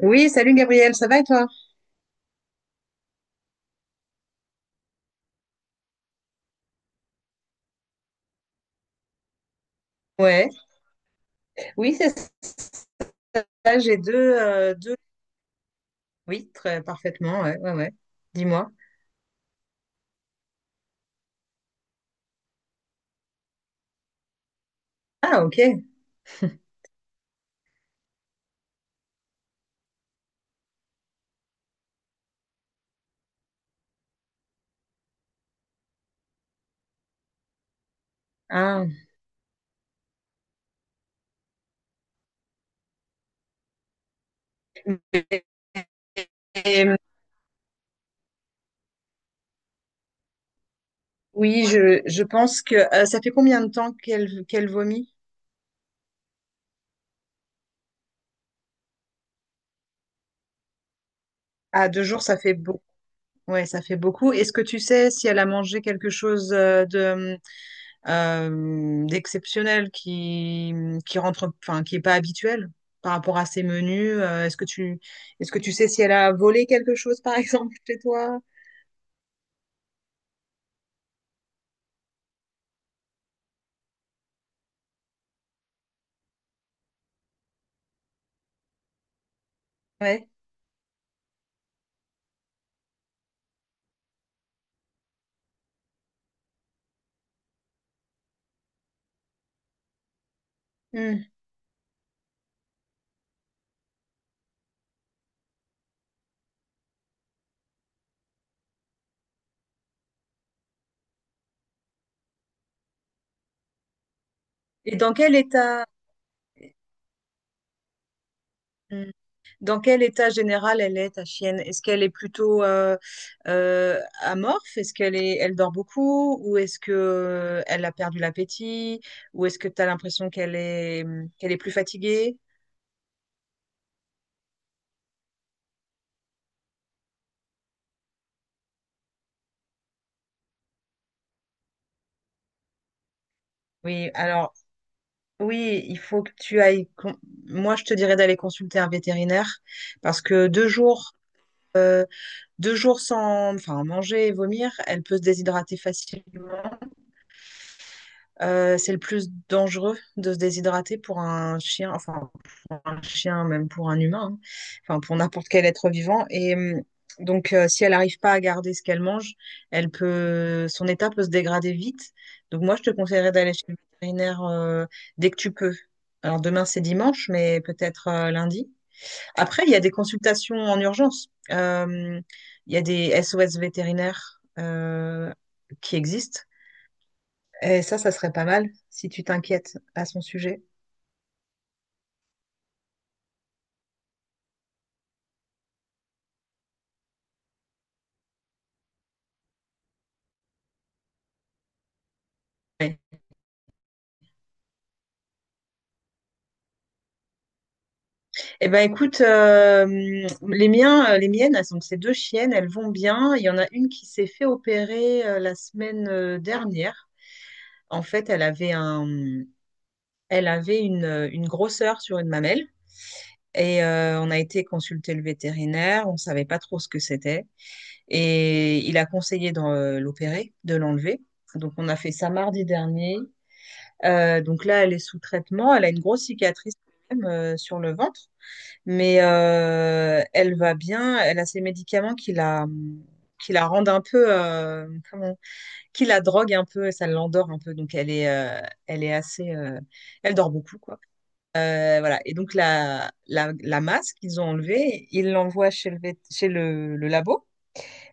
Oui, salut Gabriel, ça va et toi? Ouais, oui, c'est ça, j'ai deux, deux, oui, très parfaitement, ouais, ouais, ouais. Dis-moi. Ah, ok. Ah. Et, et- oui, je pense que ça fait combien de temps qu'elle vomit? Ah, deux jours, ça fait beaucoup. Ouais, ça fait beaucoup. Est-ce que tu sais si elle a mangé quelque chose de d'exceptionnel qui rentre, enfin qui est pas habituel par rapport à ses menus. Est-ce que tu sais si elle a volé quelque chose par exemple chez toi? Ouais. Hmm. Et dans quel état Hmm. Dans quel état général elle est, ta chienne? Est-ce qu'elle est plutôt amorphe? Est-ce qu'elle est elle dort beaucoup ou est-ce que elle a perdu l'appétit ou est-ce que tu as l'impression qu'elle est, hmm, qu'elle est plus fatiguée? Oui, alors. Oui, il faut que tu ailles. Moi, je te dirais d'aller consulter un vétérinaire parce que euh, deux jours sans, enfin, manger et vomir, elle peut se déshydrater facilement. C'est le plus dangereux de se déshydrater pour un chien, enfin pour un chien, même pour un humain, hein. Enfin, pour n'importe quel être vivant. Et, donc, si elle n'arrive pas à garder ce qu'elle mange, son état peut se dégrader vite. Donc, moi, je te conseillerais d'aller chez le vétérinaire dès que tu peux. Alors, demain, c'est dimanche, mais peut-être lundi. Après, il y a des consultations en urgence. Il y a des SOS vétérinaires qui existent. Et ça serait pas mal si tu t'inquiètes à son sujet. Eh ben, écoute, les miens, les miennes, elles sont ces deux chiennes, elles vont bien. Il y en a une qui s'est fait opérer la semaine dernière. En fait, elle avait une grosseur sur une mamelle. Et on a été consulter le vétérinaire, on savait pas trop ce que c'était. Et il a conseillé de l'opérer, de l'enlever. Donc on a fait ça mardi dernier. Donc là, elle est sous traitement. Elle a une grosse cicatrice quand même, sur le ventre, mais elle va bien. Elle a ses médicaments qui la rendent un peu, qui la drogue un peu, et ça l'endort un peu. Donc elle est assez, elle dort beaucoup quoi. Voilà. Et donc la masse qu'ils ont enlevée, ils l'envoient chez chez le labo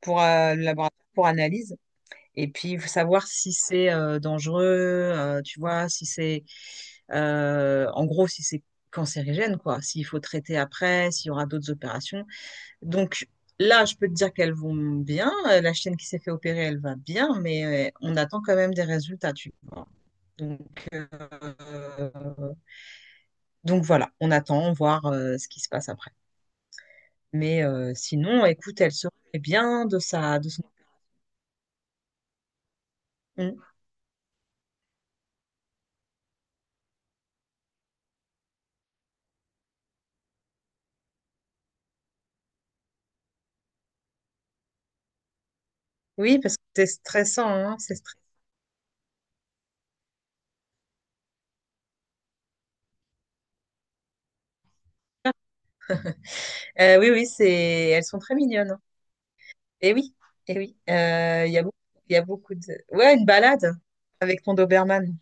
pour le laboratoire pour analyse. Et puis, il faut savoir si c'est dangereux, tu vois, si c'est, en gros, si c'est cancérigène, quoi, s'il faut traiter après, s'il y aura d'autres opérations. Donc, là, je peux te dire qu'elles vont bien. La chienne qui s'est fait opérer, elle va bien, mais on attend quand même des résultats, tu vois. Donc, euh, donc voilà, on attend voir ce qui se passe après. Mais sinon, écoute, elle se remet bien de de son. Mm. Oui, parce que c'est stressant, hein, c'est. Oui, oui, c'est, elles sont très mignonnes. Et oui, et oui. Il y a beaucoup, il y a beaucoup de. Ouais, une balade avec ton Doberman.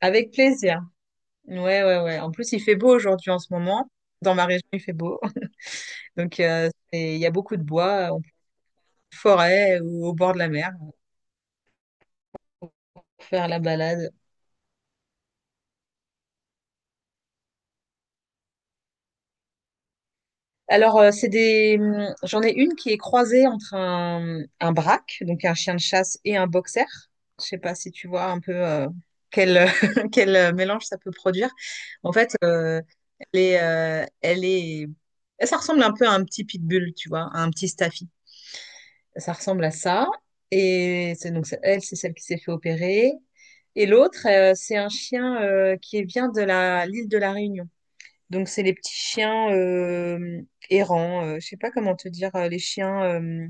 Avec plaisir. Ouais, ouais, ouais. En plus, il fait beau aujourd'hui en ce moment. Dans ma région, il fait beau. Donc, il y a beaucoup de bois, forêt ou au bord de la mer. Faire la balade. Alors, c'est des. J'en ai une qui est croisée entre un braque, donc un chien de chasse, et un boxer. Je sais pas si tu vois un peu quel, quel mélange ça peut produire. En fait, elle est. Ça ressemble un peu à un petit pitbull, tu vois, à un petit staffy. Ça ressemble à ça. Et elle, c'est celle qui s'est fait opérer. Et l'autre, c'est un chien qui vient de la l'île de la Réunion. Donc, c'est les petits chiens errants. Je sais pas comment te dire, les chiens. euh,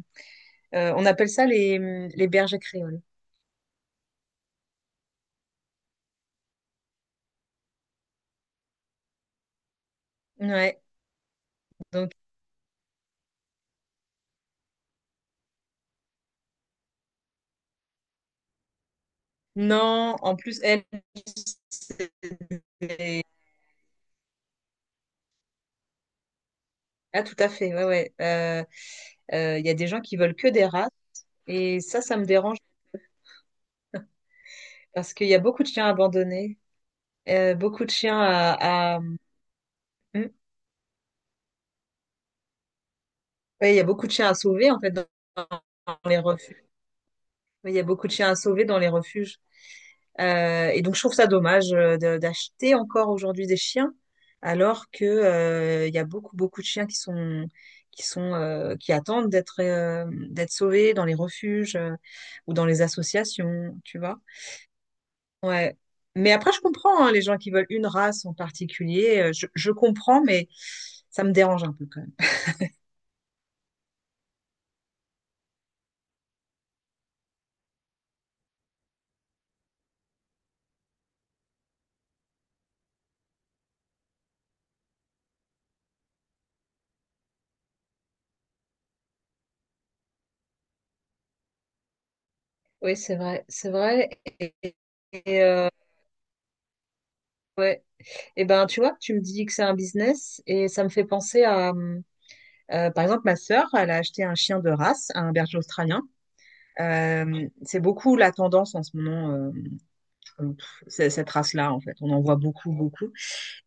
euh, On appelle ça les bergers créoles. Ouais. Donc, non, en plus, elle est... Ah, tout à fait. Ouais, ouais. Il y a des gens qui veulent que des races. Et ça me dérange parce qu'il y a beaucoup de chiens abandonnés. Beaucoup de chiens hmm. Ouais, il y a beaucoup de chiens à sauver, en fait, dans les refuges. Ouais, il y a beaucoup de chiens à sauver dans les refuges. Et donc, je trouve ça dommage d'acheter encore aujourd'hui des chiens, alors que il y a beaucoup, beaucoup de chiens qui sont qui attendent d'être d'être sauvés dans les refuges ou dans les associations, tu vois. Ouais. Mais après, je comprends hein, les gens qui veulent une race en particulier. Je comprends, mais ça me dérange un peu quand même. Oui, c'est vrai, c'est vrai. Et, et, euh, ouais. Et ben, tu vois, tu me dis que c'est un business et ça me fait penser à. Par exemple, ma sœur, elle a acheté un chien de race, un berger australien. C'est beaucoup la tendance en ce moment, cette race-là, en fait. On en voit beaucoup, beaucoup.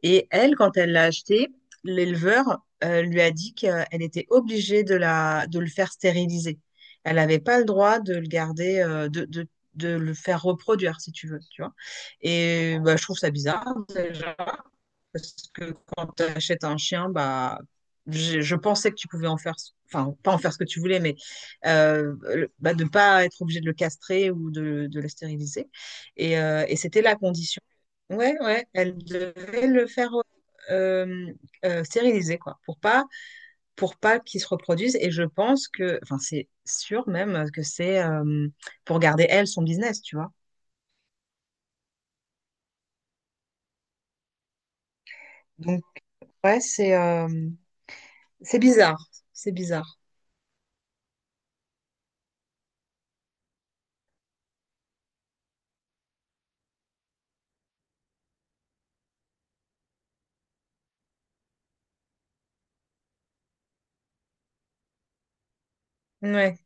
Et elle, quand elle l'a acheté, l'éleveur lui a dit qu'elle était obligée de le faire stériliser. Elle n'avait pas le droit de le garder, de le faire reproduire, si tu veux, tu vois. Et bah, je trouve ça bizarre, déjà. Parce que quand tu achètes un chien, bah, je pensais que tu pouvais en faire, enfin, pas en faire ce que tu voulais, mais bah, de ne pas être obligé de le castrer ou de le stériliser. Et c'était la condition. Ouais, ouais, elle devait le faire euh, stériliser, quoi, pour pas qu'il se reproduise. Et je pense que, enfin, c'est sûr même que c'est pour garder, elle, son business, tu vois. Donc, ouais, c'est bizarre. C'est bizarre. Ouais,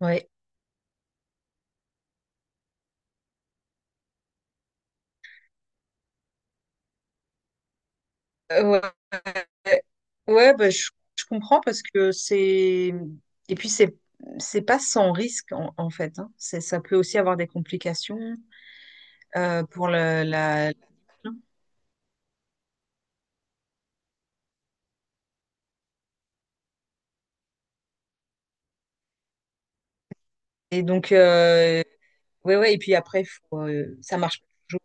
ouais. Ouais, ouais, bah, je comprends parce que c'est... Et puis, c'est pas sans risque, en fait, hein. C'est, ça peut aussi avoir des complications pour la... Et donc, ouais, ouais. Et puis après, faut, ça marche pas toujours.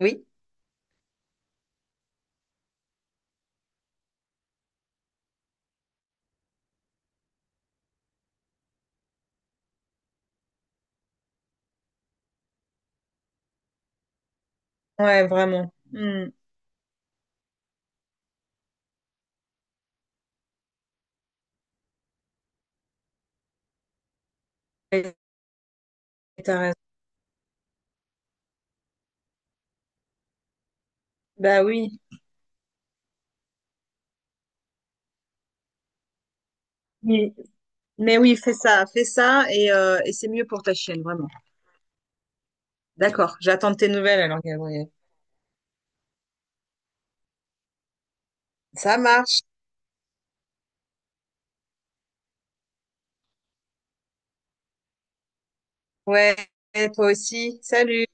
Oui, ouais, vraiment. Hmm. Et t'as raison. Bah oui. Mais, mais oui, fais ça, fais ça. Et c'est mieux pour ta chienne, vraiment. D'accord, j'attends de tes nouvelles alors, Gabriel. Ça marche. Ouais, toi aussi. Salut.